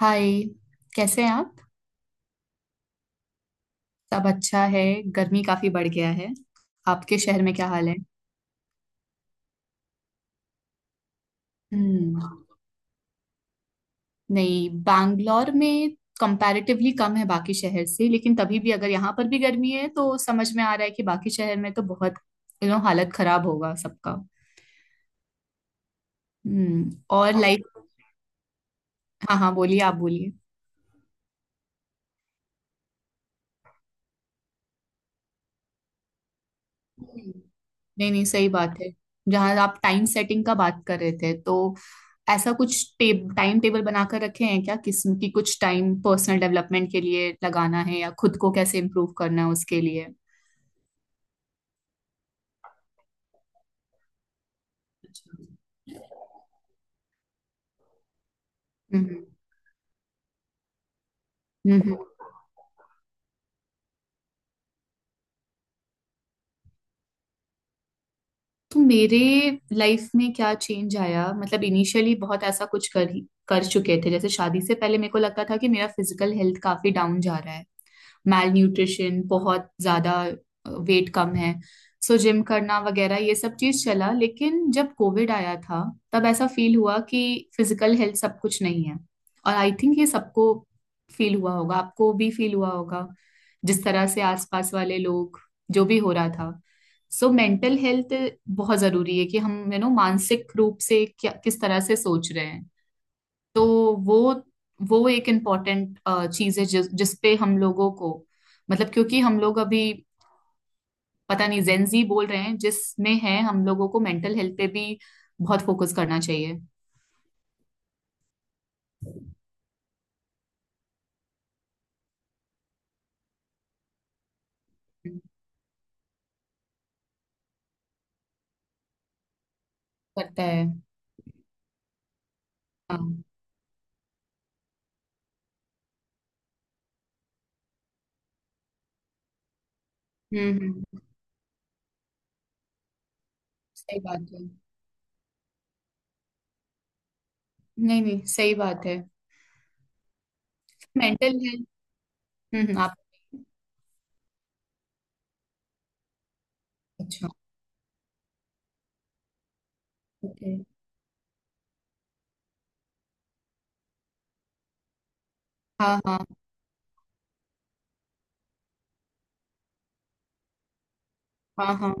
हाय। कैसे हैं आप। सब अच्छा है। गर्मी काफी बढ़ गया है। आपके शहर में क्या हाल है? हम्म। नहीं, बैंगलोर में कंपैरेटिवली कम है बाकी शहर से, लेकिन तभी भी अगर यहाँ पर भी गर्मी है तो समझ में आ रहा है कि बाकी शहर में तो बहुत हालत खराब होगा सबका। हम्म। और लाइक। हाँ हाँ, बोलिए, आप बोलिए। नहीं नहीं, सही बात है। जहां आप टाइम सेटिंग का बात कर रहे थे, तो ऐसा कुछ टाइम टेबल बनाकर रखे हैं क्या? किस्म की कुछ टाइम पर्सनल डेवलपमेंट के लिए लगाना है या खुद को कैसे इम्प्रूव करना है उसके लिए। अच्छा। हम्म। हम्म। तो मेरे लाइफ में क्या चेंज आया, मतलब इनिशियली बहुत ऐसा कुछ कर चुके थे। जैसे शादी से पहले मेरे को लगता था कि मेरा फिजिकल हेल्थ काफी डाउन जा रहा है। माल न्यूट्रिशन बहुत ज्यादा, वेट कम है। सो जिम करना वगैरह ये सब चीज चला, लेकिन जब कोविड आया था, तब ऐसा फील हुआ कि फिजिकल हेल्थ सब कुछ नहीं है। और आई थिंक ये सबको फील हुआ होगा, आपको भी फील हुआ होगा। जिस तरह से आसपास वाले लोग, जो भी हो रहा था। सो मेंटल हेल्थ बहुत जरूरी है कि हम मानसिक रूप से क्या किस तरह से सोच रहे। तो वो वो एक इम्पॉर्टेंट चीज है जिस जिस पे हम लोगों को, मतलब क्योंकि हम लोग अभी, पता नहीं जेंजी बोल रहे हैं जिसमें है, हम लोगों को मेंटल हेल्थ पे भी बहुत फोकस करना चाहिए। हम्म। करता है। हाँ हम्म, सही बात है। नहीं नहीं, सही बात है। Mental health. आप। अच्छा। ओके। हाँ हाँ। हाँ हाँ।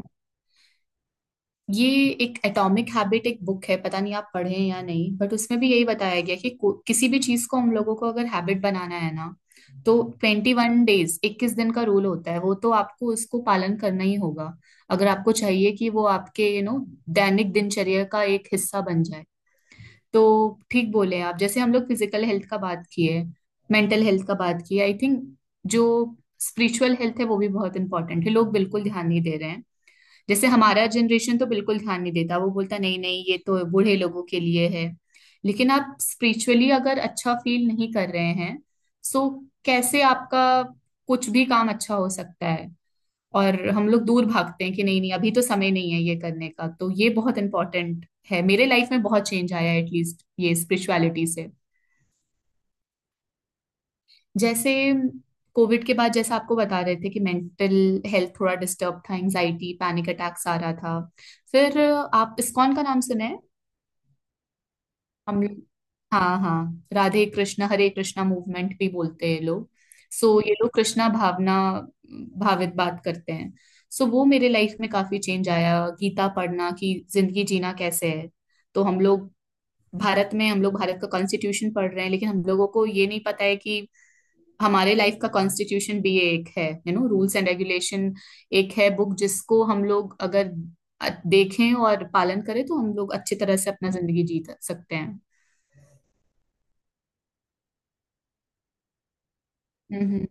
ये एक एटॉमिक हैबिट एक बुक है, पता नहीं आप पढ़े हैं या नहीं, बट उसमें भी यही बताया गया कि किसी भी चीज को हम लोगों को अगर हैबिट बनाना है ना। तो 21 डेज, 21 दिन का रूल होता है, वो तो आपको उसको पालन करना ही होगा, अगर आपको चाहिए कि वो आपके दैनिक दिनचर्या का एक हिस्सा बन जाए। तो ठीक बोले आप। जैसे हम लोग फिजिकल हेल्थ का बात किए, मेंटल हेल्थ का बात किए, आई थिंक जो स्पिरिचुअल हेल्थ है वो भी बहुत इंपॉर्टेंट है। लोग बिल्कुल ध्यान नहीं दे रहे हैं। जैसे हमारा जनरेशन तो बिल्कुल ध्यान नहीं देता, वो बोलता नहीं नहीं, ये तो बूढ़े लोगों के लिए है। लेकिन आप स्पिरिचुअली अगर अच्छा फील नहीं कर रहे हैं, सो कैसे आपका कुछ भी काम अच्छा हो सकता है? और हम लोग दूर भागते हैं कि नहीं नहीं अभी तो समय नहीं है ये करने का। तो ये बहुत इंपॉर्टेंट है। मेरे लाइफ में बहुत चेंज आया एटलीस्ट ये स्पिरिचुअलिटी से। जैसे कोविड के बाद, जैसा आपको बता रहे थे कि मेंटल हेल्थ थोड़ा डिस्टर्ब था, एंजाइटी पैनिक अटैक्स आ रहा था। फिर आप इस्कॉन का नाम सुने हैं? हम लोग। हाँ हाँ, राधे कृष्णा हरे कृष्णा मूवमेंट भी बोलते हैं ये लोग। सो ये लोग कृष्णा भावना भावित बात करते हैं। सो वो मेरे लाइफ में काफी चेंज आया, गीता पढ़ना कि जिंदगी जीना कैसे है। तो हम लोग भारत में हम लोग भारत का कॉन्स्टिट्यूशन पढ़ रहे हैं, लेकिन हम लोगों को ये नहीं पता है कि हमारे लाइफ का कॉन्स्टिट्यूशन भी ये एक है, रूल्स एंड रेगुलेशन। एक है बुक जिसको हम लोग अगर अ- देखें और पालन करें तो हम लोग अच्छी तरह से अपना जिंदगी जी सकते हैं। हम्म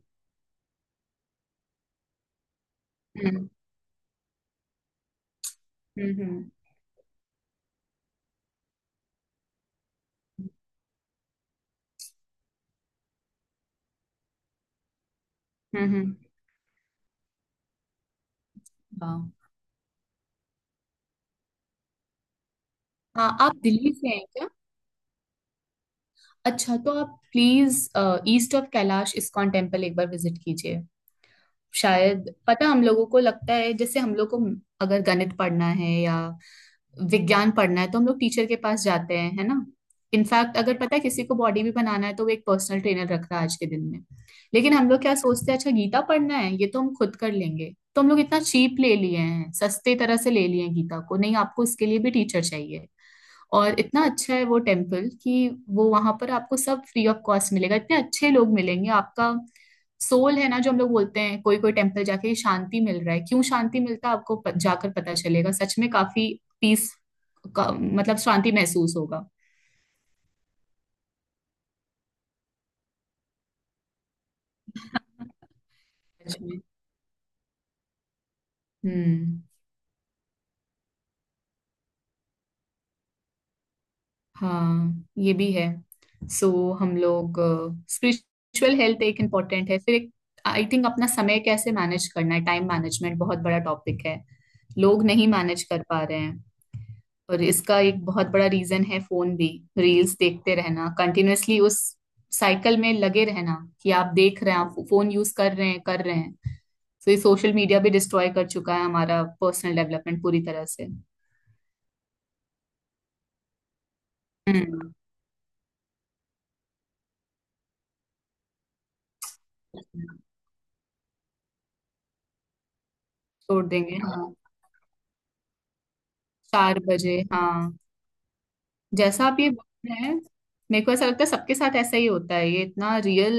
हम्म। हम्म हम्म। वाह। हाँ, आप दिल्ली से हैं क्या? अच्छा, तो आप please east of Kailash ISKCON temple एक बार विजिट कीजिए। शायद पता, हम लोगों को लगता है जैसे हम लोग को अगर गणित पढ़ना है या विज्ञान पढ़ना है तो हम लोग टीचर के पास जाते हैं, है ना? इनफैक्ट अगर पता है किसी को बॉडी भी बनाना है तो वो एक पर्सनल ट्रेनर रख रहा है आज के दिन में। लेकिन हम लोग क्या सोचते हैं, अच्छा गीता पढ़ना है ये तो हम खुद कर लेंगे। तो हम लोग इतना चीप ले लिए हैं, सस्ते तरह से ले लिए हैं गीता को। नहीं, आपको इसके लिए भी टीचर चाहिए। और इतना अच्छा है वो टेम्पल कि वो वहां पर आपको सब फ्री ऑफ कॉस्ट मिलेगा, इतने अच्छे लोग मिलेंगे। आपका सोल है ना जो हम लोग बोलते हैं, कोई कोई टेम्पल जाके ये शांति मिल रहा है। क्यों शांति मिलता है आपको? जाकर पता चलेगा, सच में काफी पीस का, मतलब शांति महसूस होगा। सच में। हम्म। हाँ ये भी है। सो हम लोग, स्पिरिचुअल हेल्थ एक इम्पोर्टेंट है। फिर एक, आई थिंक अपना समय कैसे मैनेज करना है, टाइम मैनेजमेंट बहुत बड़ा टॉपिक है। लोग नहीं मैनेज कर पा रहे हैं। और इसका एक बहुत बड़ा रीजन है फोन भी, रील्स देखते रहना कंटिन्यूअसली, उस साइकिल में लगे रहना कि आप देख रहे हैं, आप फोन यूज कर रहे हैं कर रहे हैं। तो ये सोशल मीडिया भी डिस्ट्रॉय कर चुका है हमारा पर्सनल डेवलपमेंट पूरी तरह से। हम्म। छोड़ देंगे हाँ। 4 बजे हाँ। जैसा आप ये बोल रहे हैं, मेरे को ऐसा लगता है सबके साथ ऐसा ही होता है, ये इतना रियल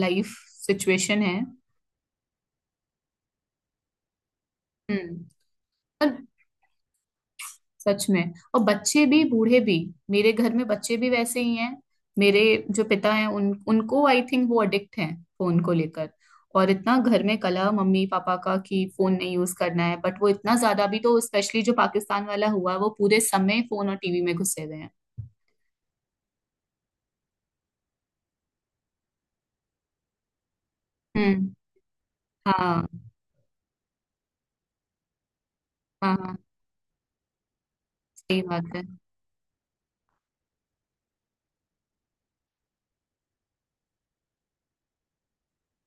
लाइफ सिचुएशन है। हम्म। और सच में, और बच्चे भी बूढ़े भी, मेरे घर में बच्चे भी वैसे ही हैं। मेरे जो पिता हैं, उन उनको आई थिंक वो अडिक्ट हैं फोन को लेकर। और इतना घर में कलह मम्मी पापा का कि फोन नहीं यूज करना है, बट वो इतना ज्यादा भी, तो स्पेशली जो पाकिस्तान वाला हुआ, वो पूरे समय फोन और टीवी में घुसे हुए हैं। हम्म। हाँ हाँ। हाँ, सही बात है।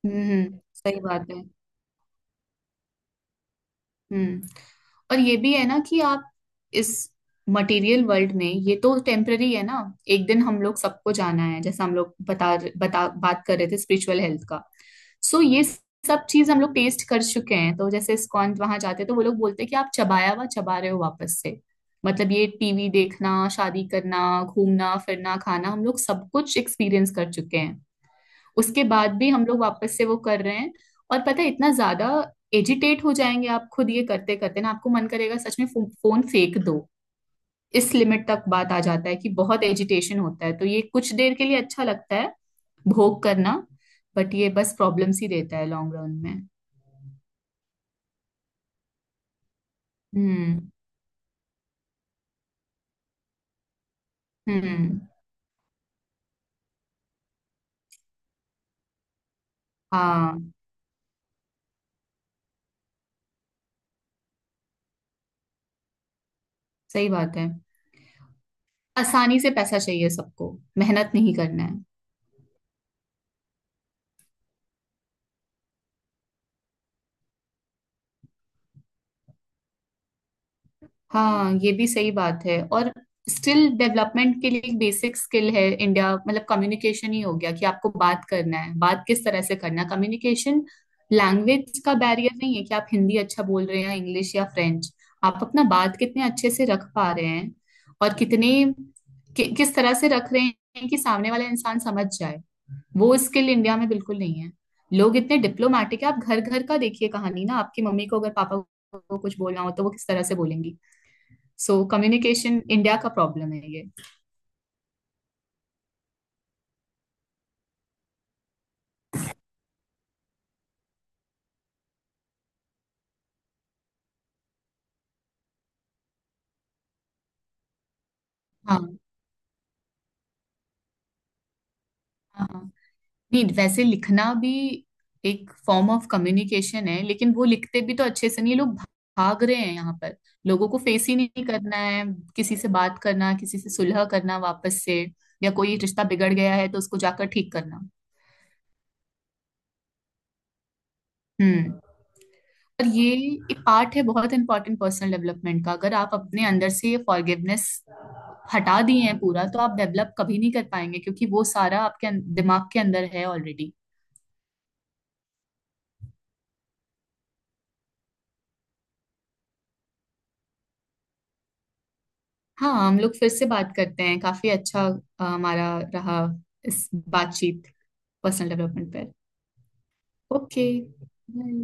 सही बात है। हम्म। और ये भी है ना कि आप इस मटेरियल वर्ल्ड में, ये तो टेम्पररी है ना। एक दिन हम लोग सबको जाना है, जैसे हम लोग बता बता बात कर रहे थे स्पिरिचुअल हेल्थ का। सो ये सब चीज हम लोग टेस्ट कर चुके हैं, तो जैसे इस्कॉन वहां जाते हैं तो वो लोग बोलते हैं कि आप चबाया हुआ चबा रहे हो वापस से। मतलब ये टीवी देखना, शादी करना, घूमना फिरना, खाना, हम लोग सब कुछ एक्सपीरियंस कर चुके हैं। उसके बाद भी हम लोग वापस से वो कर रहे हैं। और पता है, इतना ज्यादा एजिटेट हो जाएंगे आप खुद ये करते करते, ना आपको मन करेगा सच में फोन फेंक दो। इस लिमिट तक बात आ जाता है कि बहुत एजिटेशन होता है। तो ये कुछ देर के लिए अच्छा लगता है, भोग करना, बट ये बस प्रॉब्लम्स ही देता है लॉन्ग रन में। हम्म। हम्म। हाँ, सही बात है। आसानी से पैसा चाहिए सबको, मेहनत नहीं करना है। हाँ, ये भी सही बात है। और स्किल डेवलपमेंट के लिए एक बेसिक स्किल है इंडिया, मतलब कम्युनिकेशन ही हो गया, कि आपको बात करना है, बात किस तरह से करना है। कम्युनिकेशन, लैंग्वेज का बैरियर नहीं है कि आप हिंदी अच्छा बोल रहे हैं या इंग्लिश या फ्रेंच। आप अपना बात कितने अच्छे से रख पा रहे हैं, और कितने किस तरह से रख रहे हैं कि सामने वाला इंसान समझ जाए। वो स्किल इंडिया में बिल्कुल नहीं है। लोग इतने डिप्लोमेटिक है। आप घर घर का देखिए कहानी ना, आपकी मम्मी को अगर पापा को कुछ बोलना हो तो वो किस तरह से बोलेंगी। सो कम्युनिकेशन इंडिया का प्रॉब्लम है ये। हाँ हाँ हाँ। नहीं, वैसे लिखना भी एक फॉर्म ऑफ कम्युनिकेशन है, लेकिन वो लिखते भी तो अच्छे से नहीं लोग। भाग रहे हैं यहाँ पर। लोगों को फेस ही नहीं करना है, किसी से बात करना, किसी से सुलह करना वापस से, या कोई रिश्ता बिगड़ गया है तो उसको जाकर ठीक करना। हम्म। पर ये एक पार्ट है बहुत इंपॉर्टेंट पर्सनल डेवलपमेंट का। अगर आप अपने अंदर से ये फॉरगिवनेस हटा दिए हैं पूरा, तो आप डेवलप कभी नहीं कर पाएंगे, क्योंकि वो सारा आपके दिमाग के अंदर है ऑलरेडी। हाँ, हम लोग फिर से बात करते हैं, काफी अच्छा हमारा रहा इस बातचीत, पर्सनल डेवलपमेंट पर। Okay bye.